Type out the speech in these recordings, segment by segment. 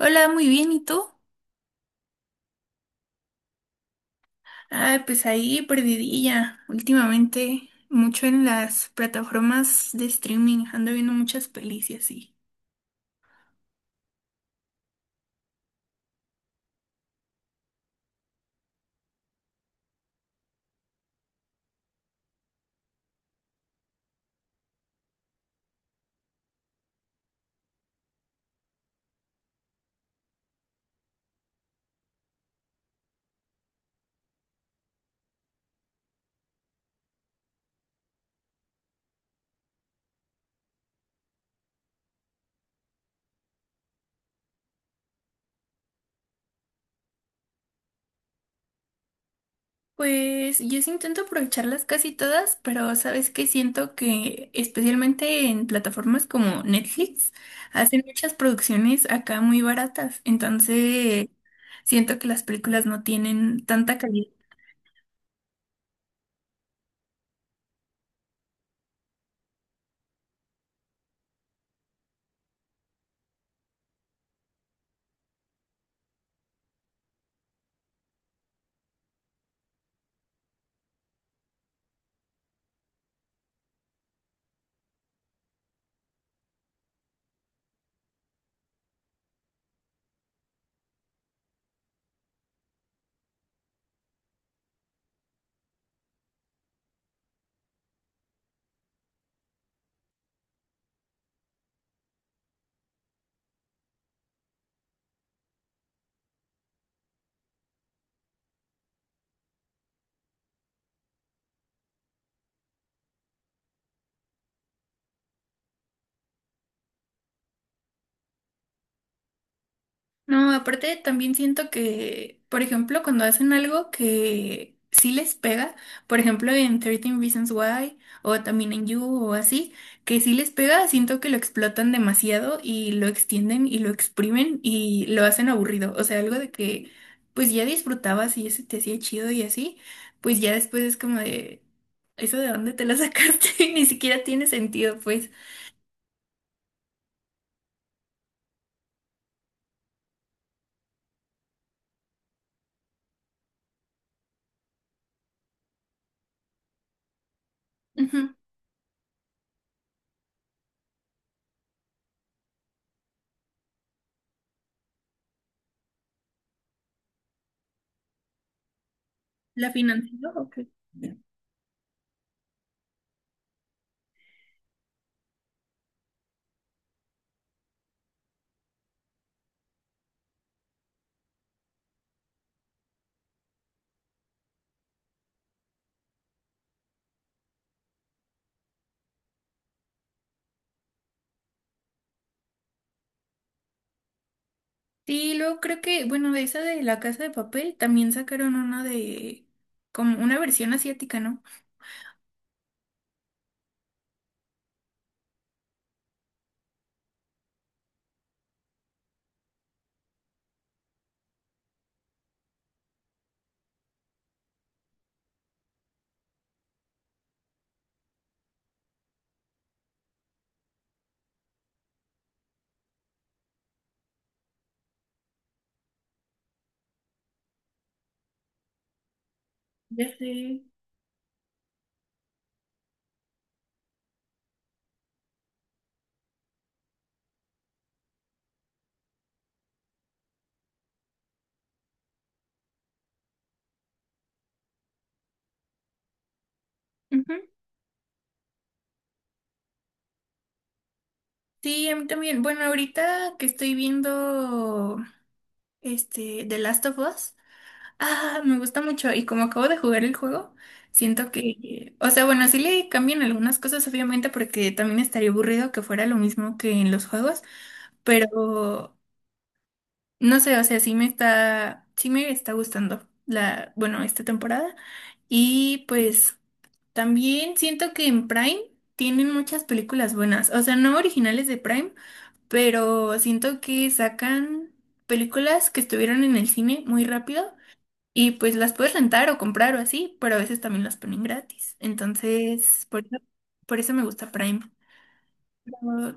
Hola, muy bien, ¿y tú? Ah, pues ahí perdidilla. Últimamente, mucho en las plataformas de streaming, ando viendo muchas pelis y así. Pues yo sí intento aprovecharlas casi todas, pero sabes que siento que especialmente en plataformas como Netflix hacen muchas producciones acá muy baratas, entonces siento que las películas no tienen tanta calidad. No, aparte también siento que, por ejemplo, cuando hacen algo que sí les pega, por ejemplo en 13 Reasons Why o también en You o así, que sí les pega, siento que lo explotan demasiado y lo extienden y lo exprimen y lo hacen aburrido. O sea, algo de que pues ya disfrutabas y eso te hacía chido y así, pues ya después es como de, ¿eso de dónde te la sacaste? Ni siquiera tiene sentido, pues. Ujú. ¿La financió o qué? Sí, luego creo que, bueno, de esa de La Casa de Papel también sacaron una de, como una versión asiática, ¿no? Ya sé. Ujú. Sí, a mí también. Bueno, ahorita que estoy viendo este The Last of Us, me gusta mucho. Y como acabo de jugar el juego, siento que, o sea, bueno, sí le cambian algunas cosas, obviamente, porque también estaría aburrido que fuera lo mismo que en los juegos, pero no sé, o sea, sí me está gustando la, bueno, esta temporada. Y pues también siento que en Prime tienen muchas películas buenas, o sea, no originales de Prime, pero siento que sacan películas que estuvieron en el cine muy rápido y pues las puedes rentar o comprar o así, pero a veces también las ponen gratis. Entonces, por eso me gusta Prime. Pero,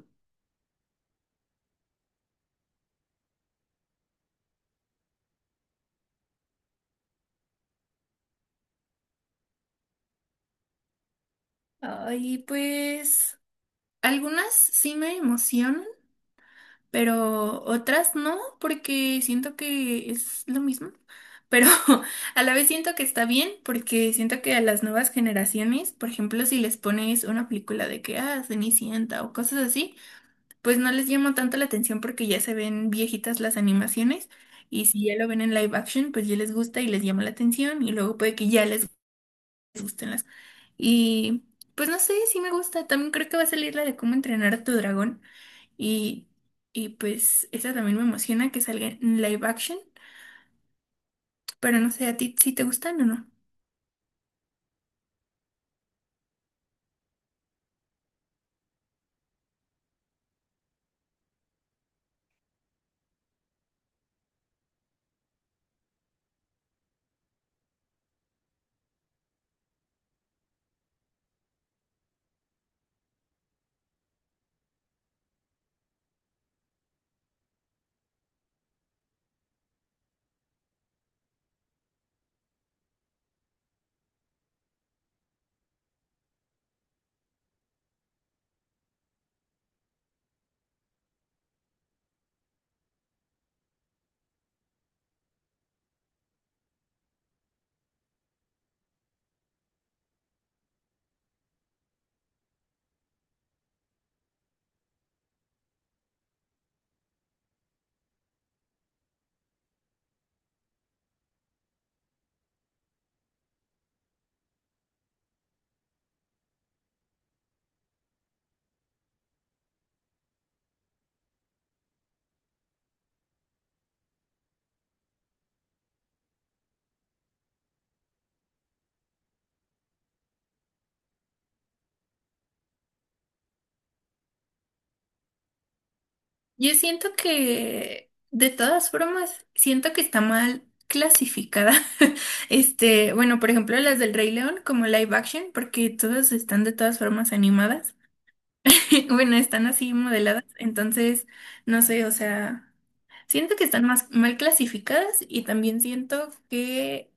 ay, pues algunas sí me emocionan, pero otras no, porque siento que es lo mismo. Pero a la vez siento que está bien, porque siento que a las nuevas generaciones, por ejemplo, si les pones una película de que, Cenicienta o cosas así, pues no les llama tanto la atención porque ya se ven viejitas las animaciones y si ya lo ven en live action, pues ya les gusta y les llama la atención y luego puede que ya les gusten las. Y pues no sé, sí me gusta. También creo que va a salir la de cómo entrenar a tu dragón. Y, y pues esa también me emociona que salga en live action. Pero no sé, ¿a ti si te gustan o no? Yo siento que, de todas formas, siento que está mal clasificada. Este, bueno, por ejemplo, las del Rey León como live action, porque todas están de todas formas animadas. Bueno, están así modeladas, entonces, no sé, o sea, siento que están más mal clasificadas y también siento que,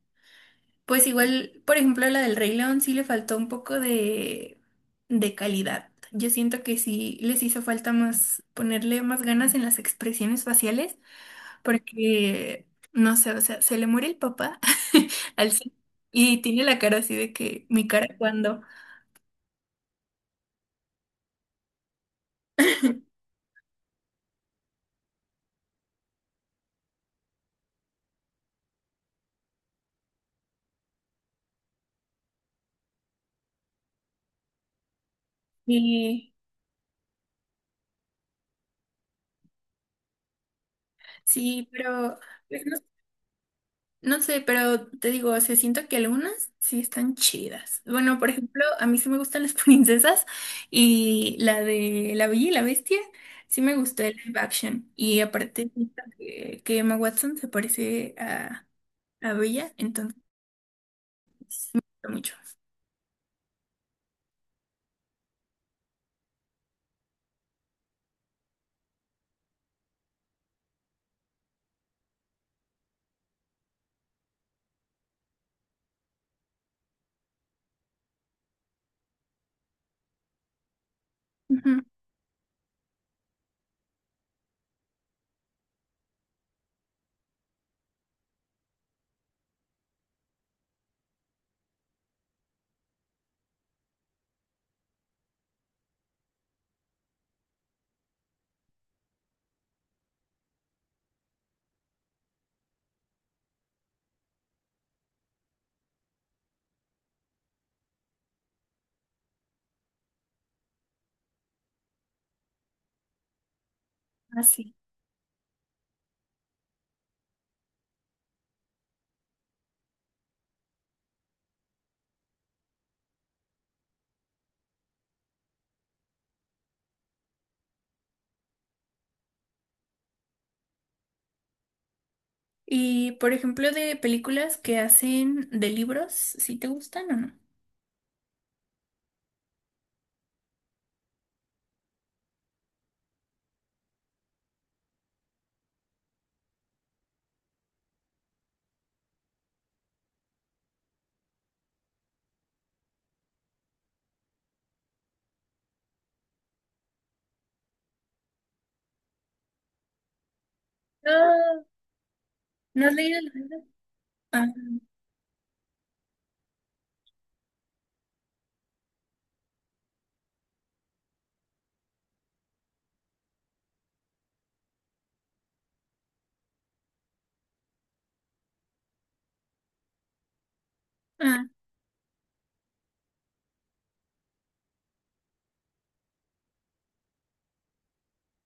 pues igual, por ejemplo, a la del Rey León sí le faltó un poco de calidad. Yo siento que sí les hizo falta más ponerle más ganas en las expresiones faciales porque, no sé, o sea, se le muere el papá al Sid y tiene la cara así de que mi cara cuando. Y sí, pero... pues, no sé, pero te digo, o sea, siento que algunas sí están chidas. Bueno, por ejemplo, a mí sí me gustan las princesas y la de La Bella y la Bestia, sí me gustó el live action. Y aparte, siento que Emma Watson se parece a Bella, entonces me gusta mucho. Ujú. Así. Y por ejemplo, de películas que hacen de libros, ¿sí te gustan o no? No, ¿no has leído los libros? Ah, ah,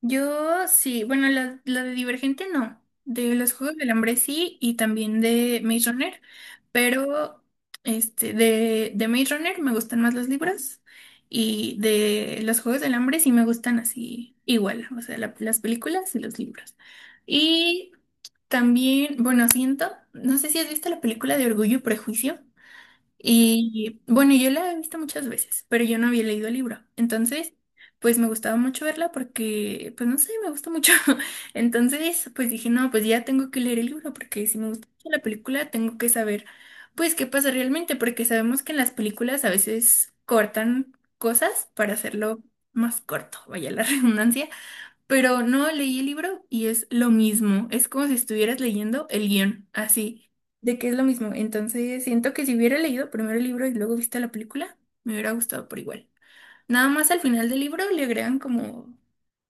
Yo sí, bueno, la de Divergente no, de los Juegos del Hambre sí y también de Maze Runner, pero este, de Maze Runner me gustan más los libros y de los Juegos del Hambre sí me gustan así igual, o sea, la- las películas y los libros. Y también, bueno, siento, no sé si has visto la película de Orgullo y Prejuicio. Y bueno, yo la he visto muchas veces, pero yo no había leído el libro. Entonces, pues me gustaba mucho verla porque, pues no sé, me gusta mucho. Entonces, pues dije, no, pues ya tengo que leer el libro porque si me gusta mucho la película, tengo que saber, pues, qué pasa realmente, porque sabemos que en las películas a veces cortan cosas para hacerlo más corto, vaya la redundancia. Pero no leí el libro y es lo mismo. Es como si estuvieras leyendo el guión, así, de que es lo mismo. Entonces, siento que si hubiera leído primero el libro y luego visto la película, me hubiera gustado por igual. Nada más al final del libro le agregan como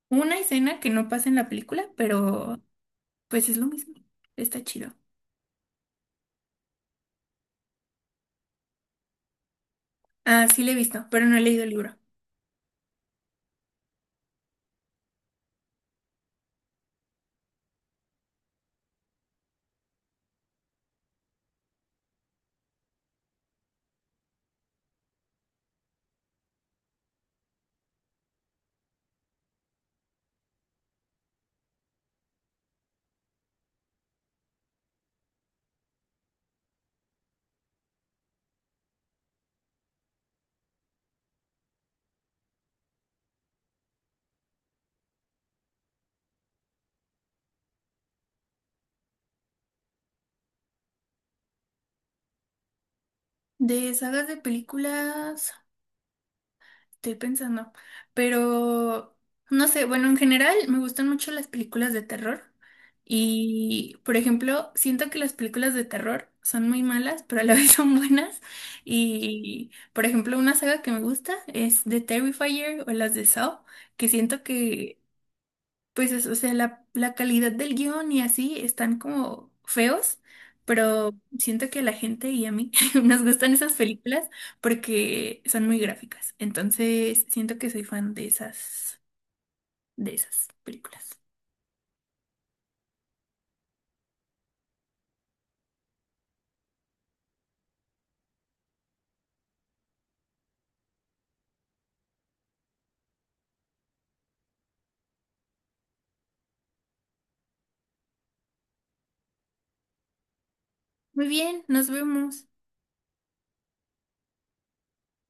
una escena que no pasa en la película, pero pues es lo mismo. Está chido. Ah, sí, le he visto, pero no he leído el libro. De sagas de películas. Estoy pensando, pero no sé, bueno, en general me gustan mucho las películas de terror y, por ejemplo, siento que las películas de terror son muy malas, pero a la vez son buenas y, por ejemplo, una saga que me gusta es The Terrifier o las de Saw, que siento que pues es, o sea, la calidad del guión y así están como feos, pero siento que a la gente y a mí nos gustan esas películas porque son muy gráficas. Entonces, siento que soy fan de esas películas. Muy bien, nos vemos.